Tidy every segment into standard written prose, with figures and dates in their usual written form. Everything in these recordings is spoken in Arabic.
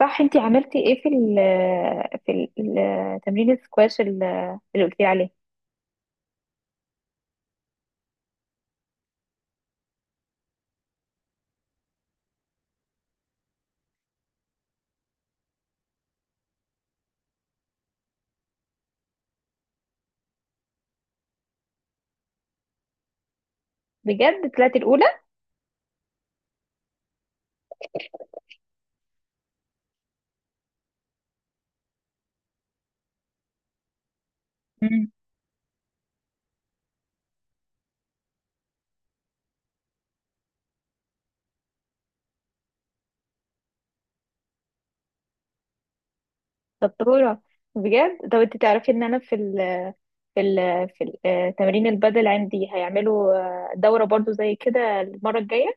صح، انتي عملتي ايه في في ال تمرين السكواش، اللي قلتي عليه؟ بجد طلعتي الاولى؟ مم. شطوره بجد. طب انتي تعرفي ان انا في ال في تمرين البدل عندي هيعملوا دوره برضو زي كده المره الجايه.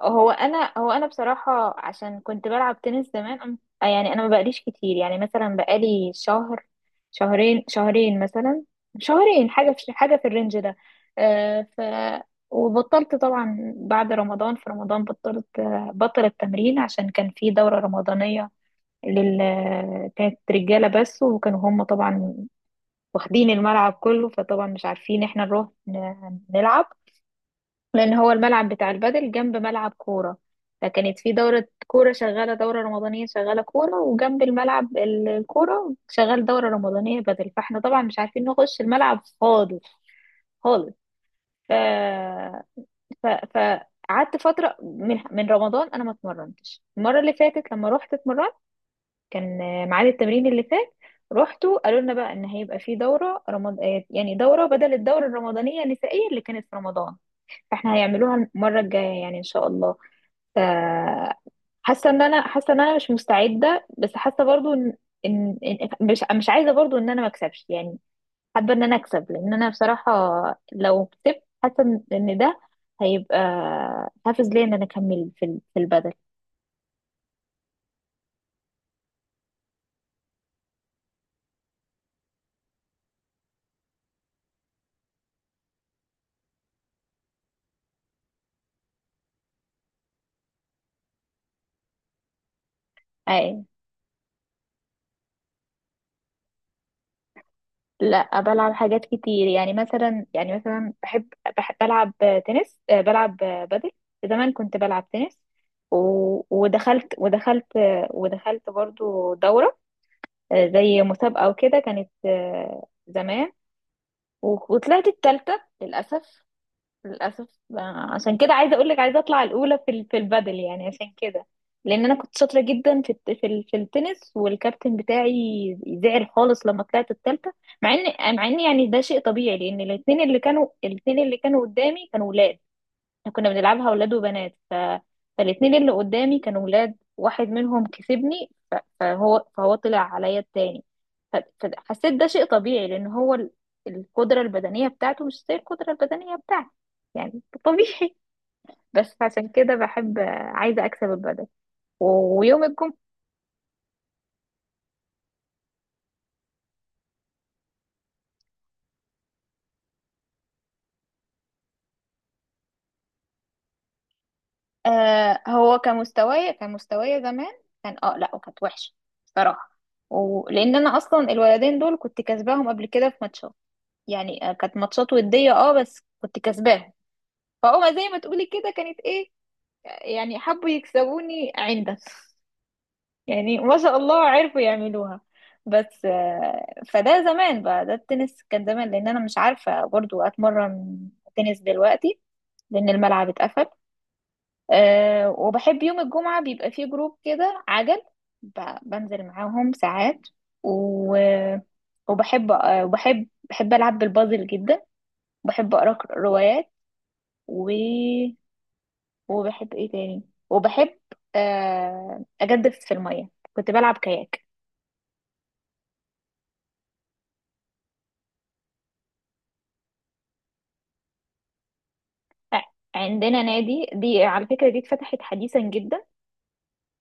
هو انا بصراحه عشان كنت بلعب تنس زمان، يعني انا ما بقاليش كتير، يعني مثلا بقالي شهرين مثلا، شهرين حاجه، في حاجه في الرينج ده. آه ف وبطلت طبعا بعد رمضان. في رمضان بطلت، بطل التمرين عشان كان في دوره رمضانيه لل كانت رجاله بس، وكانوا هم طبعا واخدين الملعب كله، فطبعا مش عارفين احنا نروح نلعب لان هو الملعب بتاع البادل جنب ملعب كوره. فكانت في دوره كوره شغاله، دوره رمضانيه شغاله كوره، وجنب الملعب الكوره شغال دوره رمضانيه بادل، فاحنا طبعا مش عارفين نخش الملعب خالص، خالص. ف ف فقعدت فتره من رمضان انا ما اتمرنتش. المره اللي فاتت لما رحت اتمرنت كان ميعاد التمرين اللي فات رحتوا، قالوا لنا بقى ان هيبقى في دوره رمض... آه، يعني دوره بدل، الدوره الرمضانيه النسائيه اللي كانت في رمضان فاحنا هيعملوها المره الجايه يعني ان شاء الله. ف- حاسه ان انا، حاسه ان انا مش مستعده، بس حاسه برضو ان، ان مش عايزه برضو ان انا ما اكسبش يعني. حابه ان انا اكسب لان انا بصراحه لو كسبت حاسه ان إن ده هيبقى حافز ليا ان انا اكمل في البدل. اي لا، بلعب حاجات كتير. يعني مثلا بحب، بحب بلعب تنس، بلعب بدل. زمان كنت بلعب تنس، و ودخلت برضو دورة، زي مسابقة وكده، كانت زمان، وطلعت التالتة للأسف. للأسف عشان كده عايزة أقولك، عايزة أطلع الأولى في البادل يعني عشان كده. لأن أنا كنت شاطرة جدا في التنس، والكابتن بتاعي زعل خالص لما طلعت التالتة. مع إن، مع إن يعني ده شيء طبيعي، لأن الاتنين اللي كانوا قدامي كانوا ولاد. كنا بنلعبها ولاد وبنات، فالاتنين اللي قدامي كانوا ولاد، واحد منهم كسبني، ف... فهو فهو طلع عليا التاني. ف... فحسيت ده شيء طبيعي، لان هو القدرة البدنية بتاعته مش زي القدرة البدنية بتاعتي، يعني طبيعي. بس عشان كده بحب، عايزة أكسب البدل. ويوم الجمعة. آه، هو كمستوايا زمان كان، اه لا، وكانت وحشة صراحة، ولأن أنا أصلا الولدين دول كنت كسباهم قبل كده في ماتشات. يعني كانت ماتشات ودية، اه، بس كنت كسباهم، فهما زي ما تقولي كده كانت ايه، يعني حبوا يكسبوني عندا. يعني ما شاء الله عرفوا يعملوها. بس فده زمان بقى، ده التنس كان زمان، لان انا مش عارفة برضو اتمرن تنس دلوقتي لان الملعب اتقفل. أه، وبحب يوم الجمعة بيبقى فيه جروب كده عجل، بنزل معاهم ساعات، و... وبحب، أه، وبحب العب بالبازل جدا. بحب اقرا روايات، و... وبحب ايه تاني، وبحب اجدف في الميه، كنت بلعب كاياك. آه، عندنا نادي، دي على فكره دي اتفتحت حديثا جدا،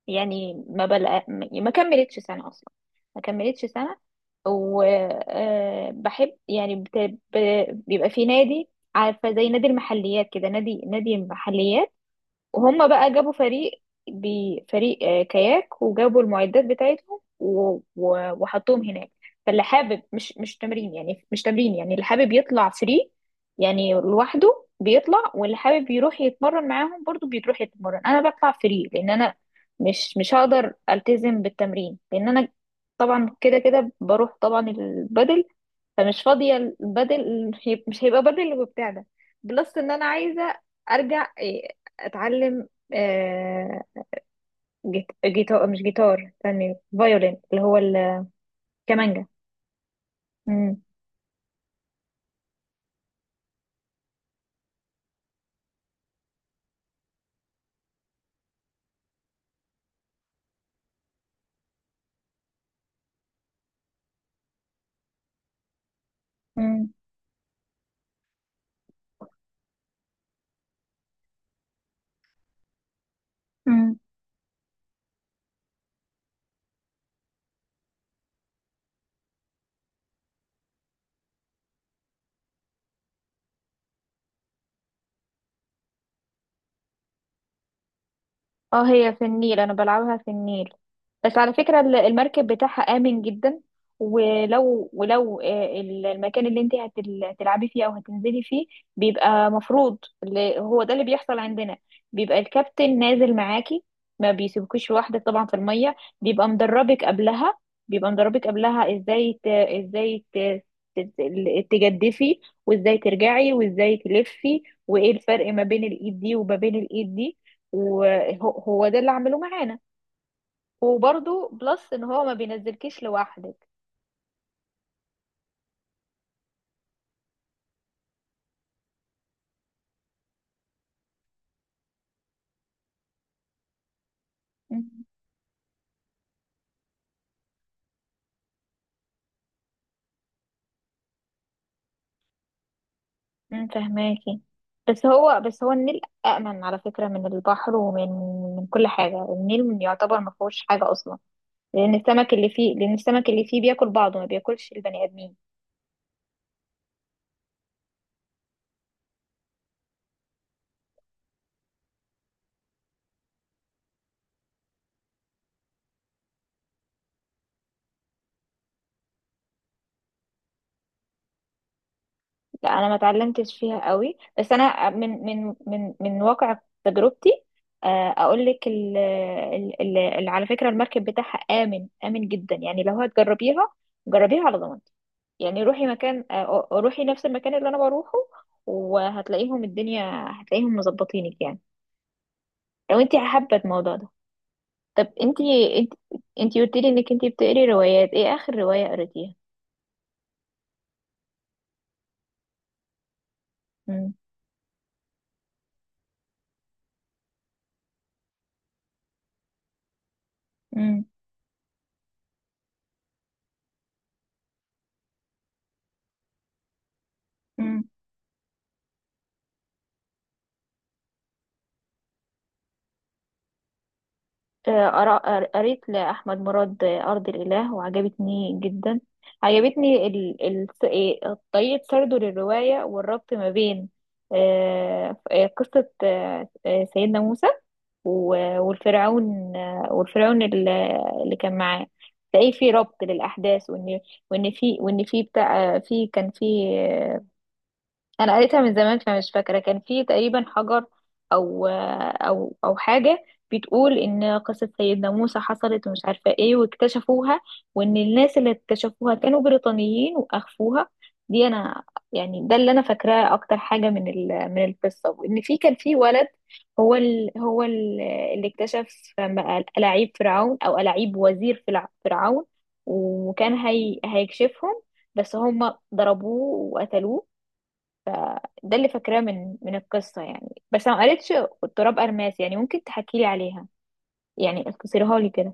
يعني ما كملتش سنه اصلا، ما كملتش سنه. وبحب يعني ب... بيبقى في نادي، عارفه زي نادي المحليات كده، نادي، نادي محليات، وهم بقى جابوا فريق، بفريق كاياك، وجابوا المعدات بتاعتهم وحطوهم هناك. فاللي حابب مش تمرين يعني، مش تمرين يعني، اللي حابب يطلع فري يعني لوحده بيطلع، واللي حابب يروح يتمرن معاهم برضو بيروح يتمرن. انا بطلع فري لان انا مش هقدر التزم بالتمرين، لان انا طبعا كده كده بروح طبعا البدل، فمش فاضية. بدل، مش هيبقى بدل اللي بتاعنا، بلس ان انا عايزة ارجع اتعلم آه، جيتار، مش جيتار، استني، فيولين، اللي هو الكمانجا. مم. مم. مم. اه، هي في النيل، انا بلعبها في النيل، بس على فكرة المركب بتاعها آمن جدا. ولو، ولو المكان اللي انت هتلعبي فيه او هتنزلي فيه بيبقى مفروض، اللي هو ده اللي بيحصل عندنا، بيبقى الكابتن نازل معاكي، ما بيسيبكوش لوحدك طبعا في المية. بيبقى مدربك قبلها بيبقى مدربك قبلها ازاي تجدفي، وازاي ترجعي، وازاي تلفي، وايه الفرق ما بين الايد دي وما بين الايد دي. وهو ده اللي عمله معانا. وبرضه بلس ان هو ما بينزلكيش لوحدك. مم. أمم، فهماكي. بس هو النيل أأمن على فكرة من البحر، ومن من كل حاجة، النيل يعتبر ما فيهوش حاجة أصلا، لأن السمك اللي فيه بياكل بعضه، ما بياكلش البني آدمين. لا، أنا ما اتعلمتش فيها قوي، بس أنا من واقع تجربتي، أقول لك على فكرة المركب بتاعها آمن، آمن جدا. يعني لو هتجربيها، جربيها على ضمانتي، يعني روحي مكان، روحي نفس المكان اللي انا بروحه، وهتلاقيهم الدنيا، هتلاقيهم مظبطينك يعني، لو انت حابه الموضوع ده. طب انت، انت انت قلت لي انك انت بتقري روايات، ايه اخر روايه قريتيها؟ امم. امم مم. قريت لأحمد مراد أرض الإله وعجبتني جدا. عجبتني ال... ال... إيه، طريقة سرده للرواية، والربط ما بين قصة سيدنا موسى والفرعون، والفرعون اللي كان معاه. تلاقيه في ربط للأحداث، وإن وإن في وإن في بتاع في كان في، انا قريتها من زمان فمش فاكره، كان في تقريبا حجر او حاجه بتقول ان قصه سيدنا موسى حصلت ومش عارفه ايه، واكتشفوها، وان الناس اللي اكتشفوها كانوا بريطانيين واخفوها. دي انا يعني ده اللي انا فاكراه اكتر حاجه من القصه. وان في، كان في ولد، هو ال هو ال اللي اكتشف بقى الاعيب فرعون، او الاعيب وزير فرعون، وكان هي هيكشفهم بس هم ضربوه وقتلوه. ده اللي فاكراه من القصة يعني، بس أنا ما قريتش التراب أرماس، يعني ممكن تحكي لي عليها، يعني اختصرها لي كده.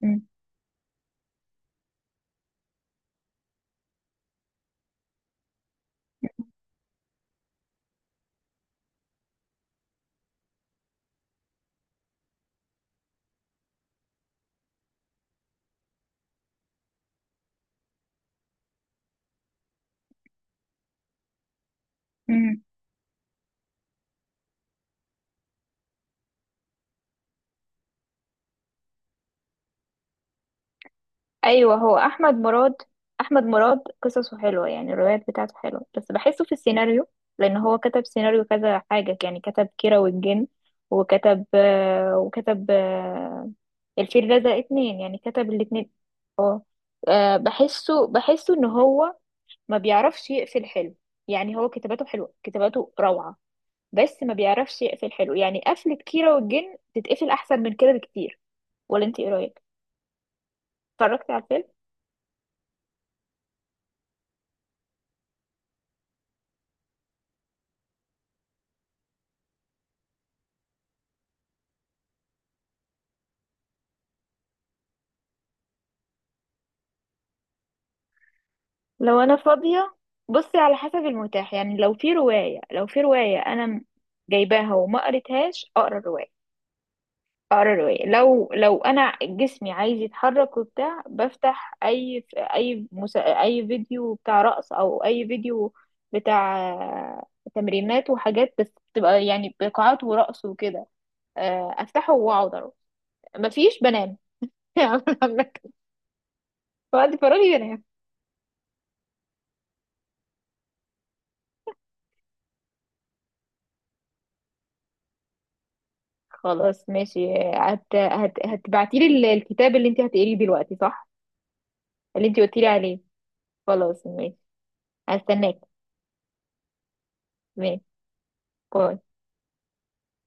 مم. امم أيوه. هو أحمد مراد قصصه حلوة، يعني الروايات بتاعته حلوة، بس بحسه في السيناريو، لأن هو كتب سيناريو كذا حاجة. يعني كتب كيرة والجن، وكتب الفيل الأزرق اتنين، يعني كتب الاتنين. أه، بحسه إن هو ما بيعرفش يقفل حلو. يعني هو كتاباته حلوة، كتاباته روعة، بس ما بيعرفش يقفل حلو، يعني قفلة كيرة والجن تتقفل أحسن من كده بكتير. ولا أنت إيه رأيك؟ اتفرجتي على الفيلم؟ لو أنا فاضية، بصي على حسب المتاح. يعني لو في رواية أنا جايباها وما قريتهاش أقرأ الرواية. أقرأ الرواية لو لو أنا جسمي عايز يتحرك وبتاع، بفتح أي فيديو بتاع رقص، أو أي فيديو بتاع تمرينات وحاجات، بس بتبقى يعني بقاعات ورقص وكده. افتحه واقعد أروح. مفيش، بنام. يعني مركز، وقت فراغي بنام. خلاص ماشي. هتبعتي لي الكتاب اللي انت هتقريه دلوقتي، صح؟ اللي انت قلتي لي عليه. خلاص ماشي، هستناك. ماشي، باي.